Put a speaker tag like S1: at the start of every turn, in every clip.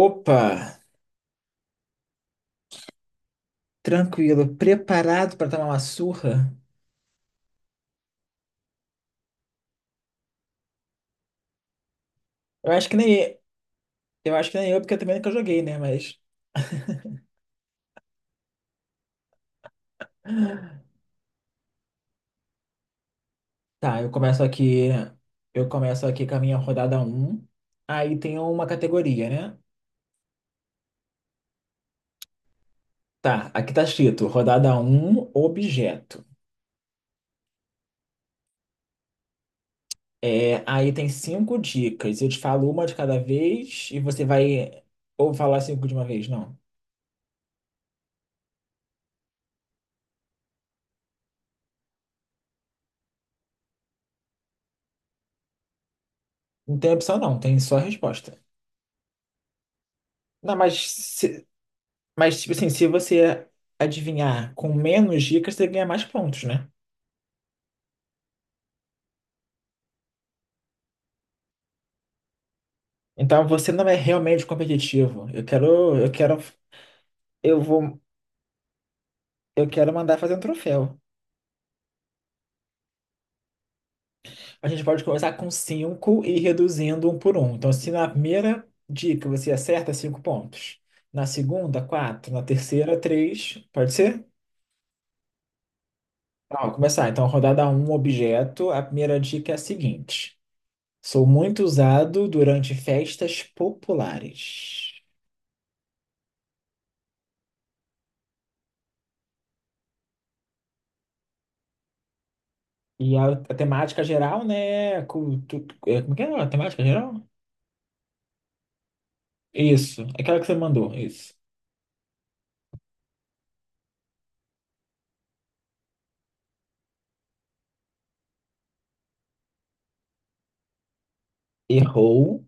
S1: Opa, tranquilo, preparado para tomar uma surra? Eu acho que nem eu acho que nem eu, porque eu também nunca joguei, né? Mas tá, eu começo aqui com a minha rodada um. Aí tem uma categoria, né? Tá, aqui tá escrito rodada um objeto. É, aí tem cinco dicas. Eu te falo uma de cada vez e você vai ou falar cinco de uma vez, não. Não tem opção não, tem só resposta. Não, mas, tipo assim, se você adivinhar com menos dicas, você ganha mais pontos, né? Então você não é realmente competitivo. Eu vou, eu quero mandar fazer um troféu. A gente pode começar com cinco e ir reduzindo um por um. Então, se na primeira dica você acerta, cinco pontos. Na segunda, quatro. Na terceira, três. Pode ser? Tá, vou começar. Então, rodada um, objeto. A primeira dica é a seguinte: sou muito usado durante festas populares. E a temática geral, né? Como é que é a temática geral? Isso, aquela que você mandou, isso. Errou.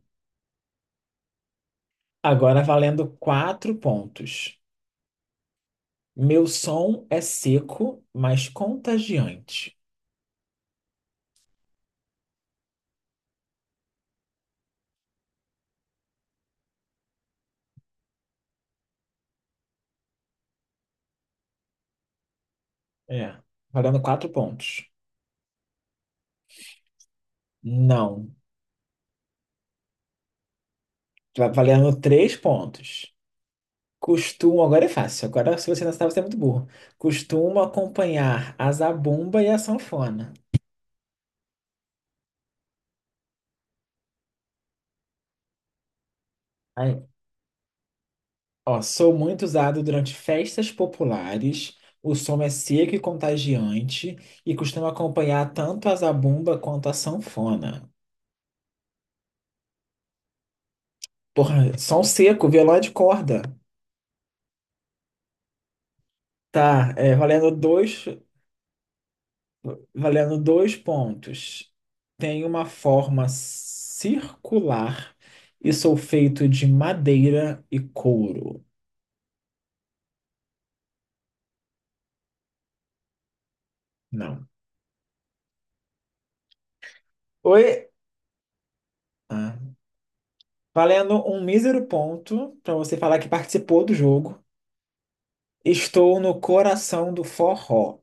S1: Agora valendo quatro pontos. Meu som é seco, mas contagiante. É, valendo quatro pontos. Não, valendo três pontos. Agora é fácil. Agora, se você não sabe, você é muito burro. Costumo acompanhar a zabumba e a sanfona. Ó, sou muito usado durante festas populares. O som é seco e contagiante e costuma acompanhar tanto a zabumba quanto a sanfona. Porra, som seco, violão de corda. Tá, valendo dois pontos. Tem uma forma circular e sou feito de madeira e couro. Não. Oi. Ah, valendo um mísero ponto para você falar que participou do jogo. Estou no coração do forró.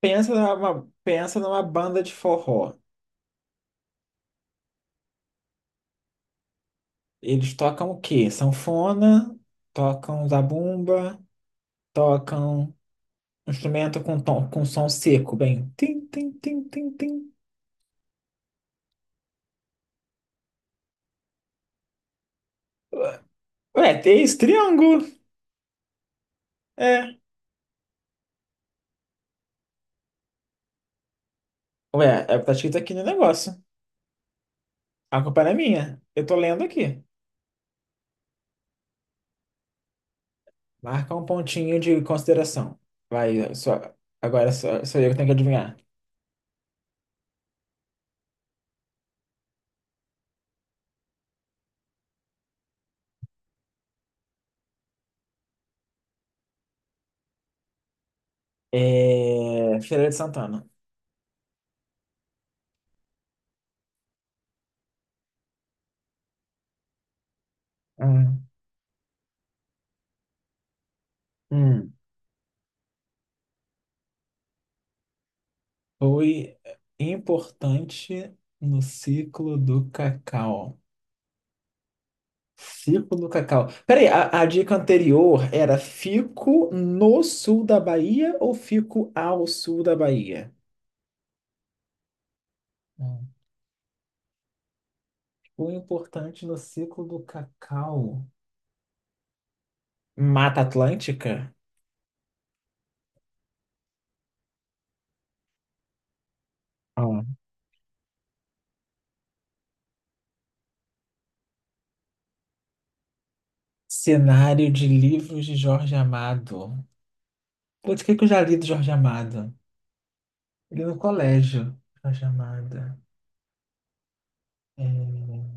S1: Pensa numa banda de forró. Eles tocam o quê? Sanfona, tocam zabumba, tocam um instrumento com som seco, bem. Tim, tim, tim, tim, tim. Ué, tem esse triângulo. É. Ué, tá escrito aqui no negócio. A culpa não é minha. Eu tô lendo aqui. Marca um pontinho de consideração. Vai, só, agora só eu que tenho que adivinhar. Feira de Santana. Hum. Hum. Foi importante no ciclo do cacau. Ciclo do cacau. Peraí, a dica anterior era fico no sul da Bahia ou fico ao sul da Bahia? Hum. O importante no ciclo do cacau. Mata Atlântica? Ah. Cenário de livros de Jorge Amado. Putz, o que que eu já li do Jorge Amado? Li no colégio, Jorge Amado. É...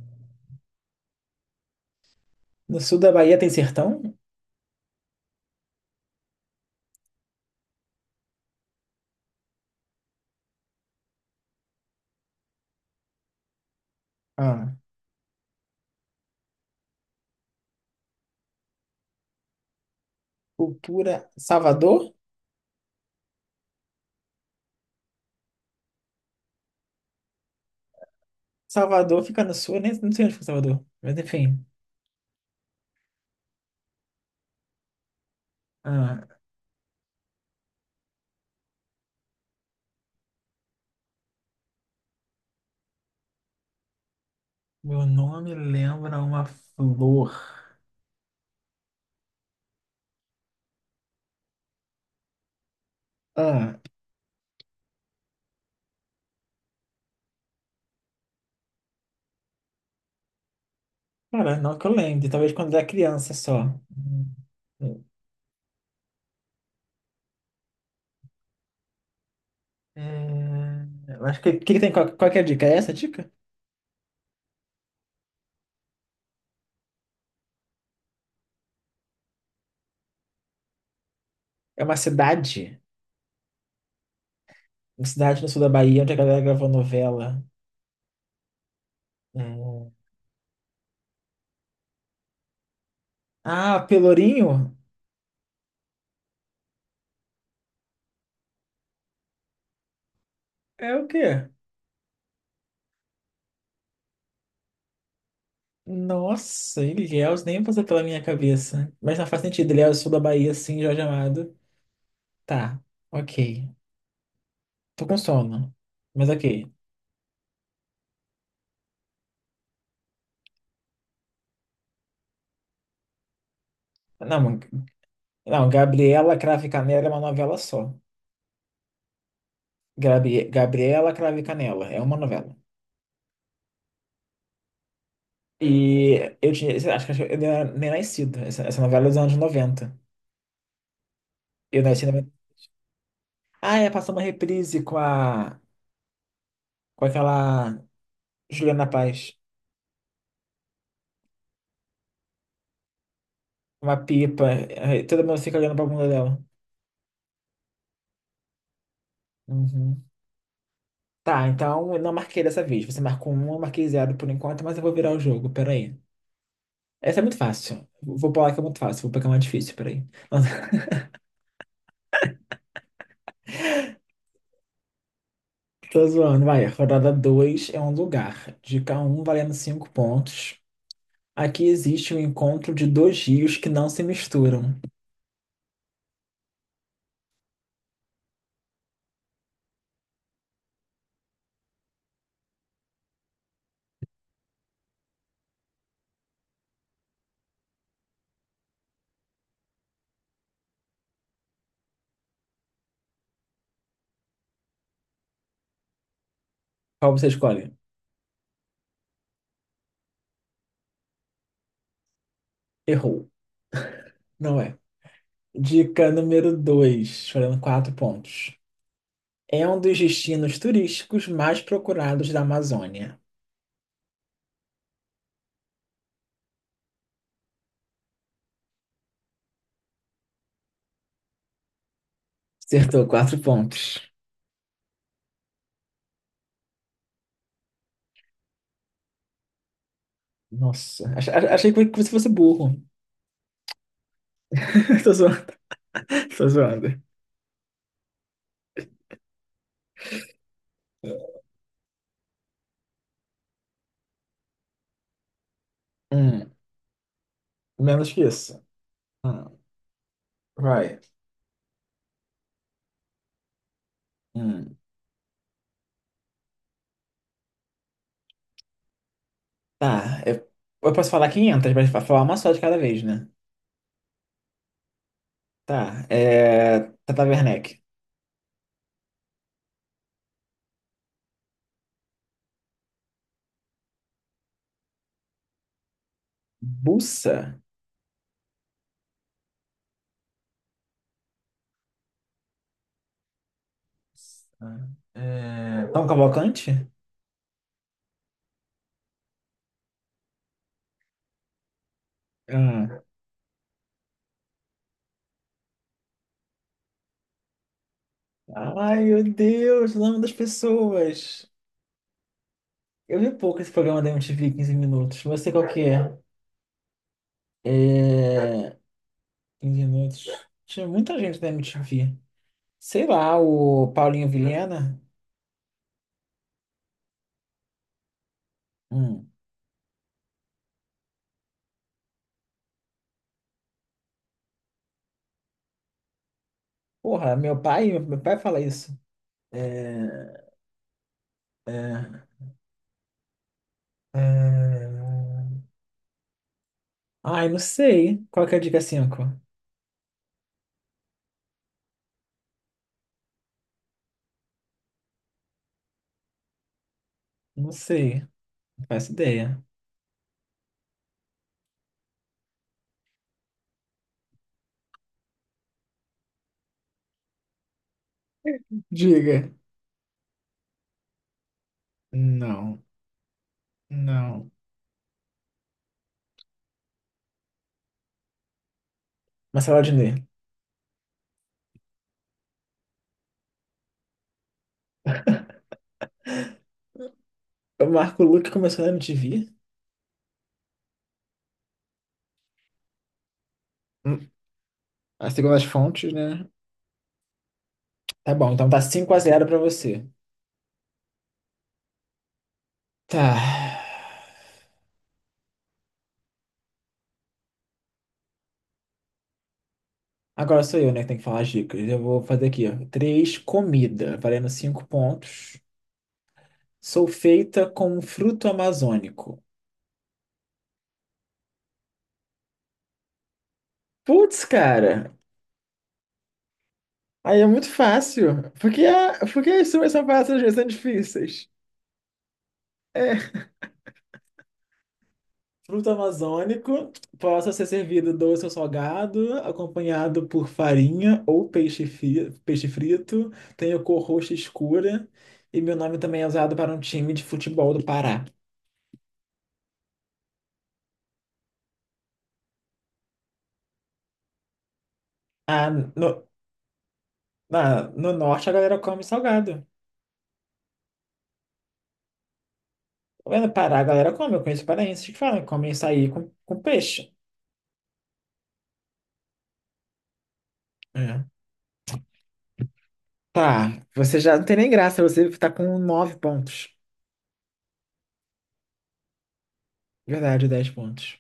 S1: No sul da Bahia tem sertão? Ah, né? cultura Salvador? Salvador fica no sul, eu nem não sei onde fica Salvador, mas enfim. Ah, meu nome lembra uma flor. Ah, cara, não que eu lembre, talvez quando eu era criança só. Hum, é, eu acho que o que, que tem? Qual que é a dica? É essa a dica? É uma cidade, no sul da Bahia onde a galera gravou novela. É, Ah, Pelourinho? É o quê? Nossa, Ilhéus nem passa pela minha cabeça. Mas não faz sentido, Ilhéus, sul da Bahia, sim, Jorge Amado. Tá, ok. Tô com sono, mas ok. Não, não, Gabriela Cravo e Canela é uma novela só. Gabriela Cravo e Canela é uma novela. E eu tinha, acho que eu nem nem nascido. Essa novela é dos anos 90. Eu nasci na... Ah, passou uma reprise com a... com aquela Juliana Paz. Uma pipa. Aí todo mundo fica olhando pra bunda dela. Uhum. Tá, então eu não marquei dessa vez. Você marcou uma, eu marquei zero por enquanto, mas eu vou virar o jogo, peraí. Essa é muito fácil. Vou pular que é muito fácil, vou pegar uma difícil, peraí. Tô zoando, vai. Rodada 2 é um lugar. Dica um valendo 5 pontos. Aqui existe um encontro de dois rios que não se misturam. Qual você escolhe? Errou. Não é. Dica número 2 valendo 4 pontos. É um dos destinos turísticos mais procurados da Amazônia. Acertou quatro pontos. Nossa, achei que você fosse burro. Tô zoando. Tô zoando. Hum, menos que isso. Hum, vai. Hum, tá, eu posso falar 500, mas falar uma só de cada vez, né? Tá, Tata Werneck. Bussa? Ah, Tom Cavalcante? Hum. Ai, meu Deus, o nome das pessoas. Eu vi pouco esse programa da MTV 15 minutos. Eu sei qual que é. É. 15 minutos. Tinha muita gente na MTV. Sei lá, o Paulinho Vilhena. Hum. Porra, meu pai fala isso. É. É. é... Ai, não sei. Qual que é a dica cinco? Não sei. Não faço ideia. Diga. Não. Não. Marcelo Adnet. O Marco Luque começou na MTV? Hum. Ah, segundo as fontes, né? Tá bom, então tá 5-0 pra você. Tá. Agora sou eu, né, que tem que falar as dicas. Eu vou fazer aqui, ó. Três comida, valendo cinco pontos. Sou feita com um fruto amazônico. Putz, cara. Aí é muito fácil. Porque as suas são fáceis, as minhas são difíceis. É. Fruto amazônico possa ser servido doce ou salgado, acompanhado por farinha ou peixe, peixe frito. Tenho cor roxa escura. E meu nome também é usado para um time de futebol do Pará. Ah, no- no norte a galera come salgado. Lá no Pará a galera come, eu conheço paraenses que falam, comem açaí com, peixe. É. Tá, você já não tem nem graça, você tá com nove pontos. Verdade, 10 pontos.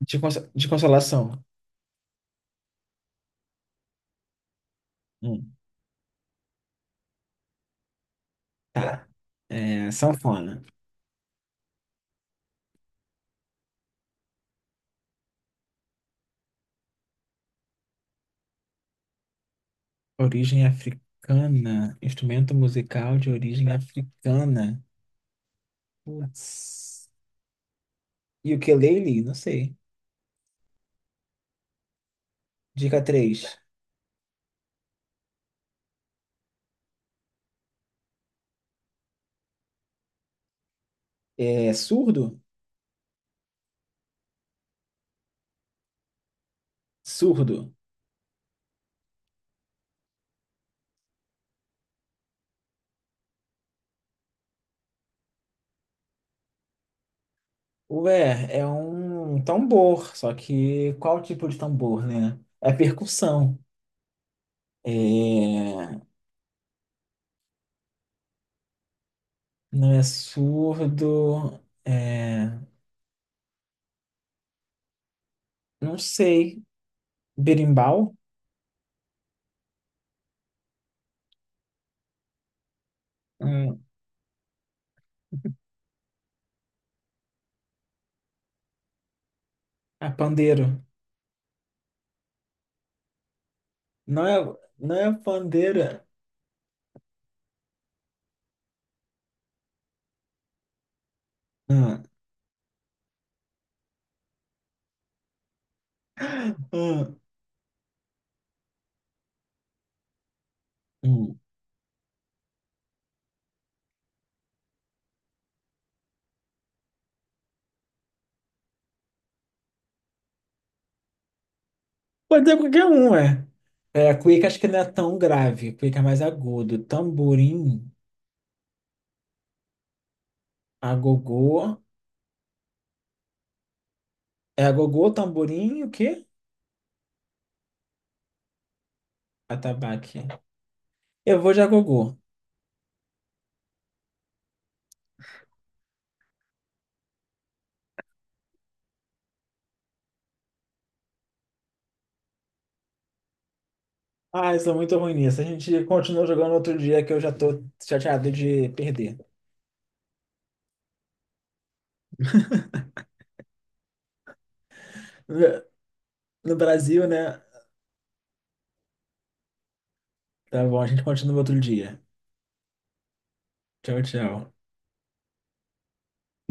S1: De consolação. Hum. É, sanfona. Origem africana. Instrumento musical de origem africana. Putz. E o ukulele? Não sei. Dica três. É surdo? Surdo. Ué, é um tambor, só que qual tipo de tambor, né? É percussão. É... Não é surdo. Não sei. Berimbau? Hum, é pandeiro. Não é, não é pandeira. Hum, hum, hum. Pode ser qualquer um, é. É, cuíca acho que não é tão grave. Cuíca é mais agudo. Tamborim, agogô. É agogô, tamborim e o quê? Atabaque. Eu vou de agogô. Ah, isso é muito ruim nisso. A gente continua jogando outro dia que eu já tô chateado de perder. No no Brasil, né? Tá bom, a gente continua outro dia. Tchau, tchau.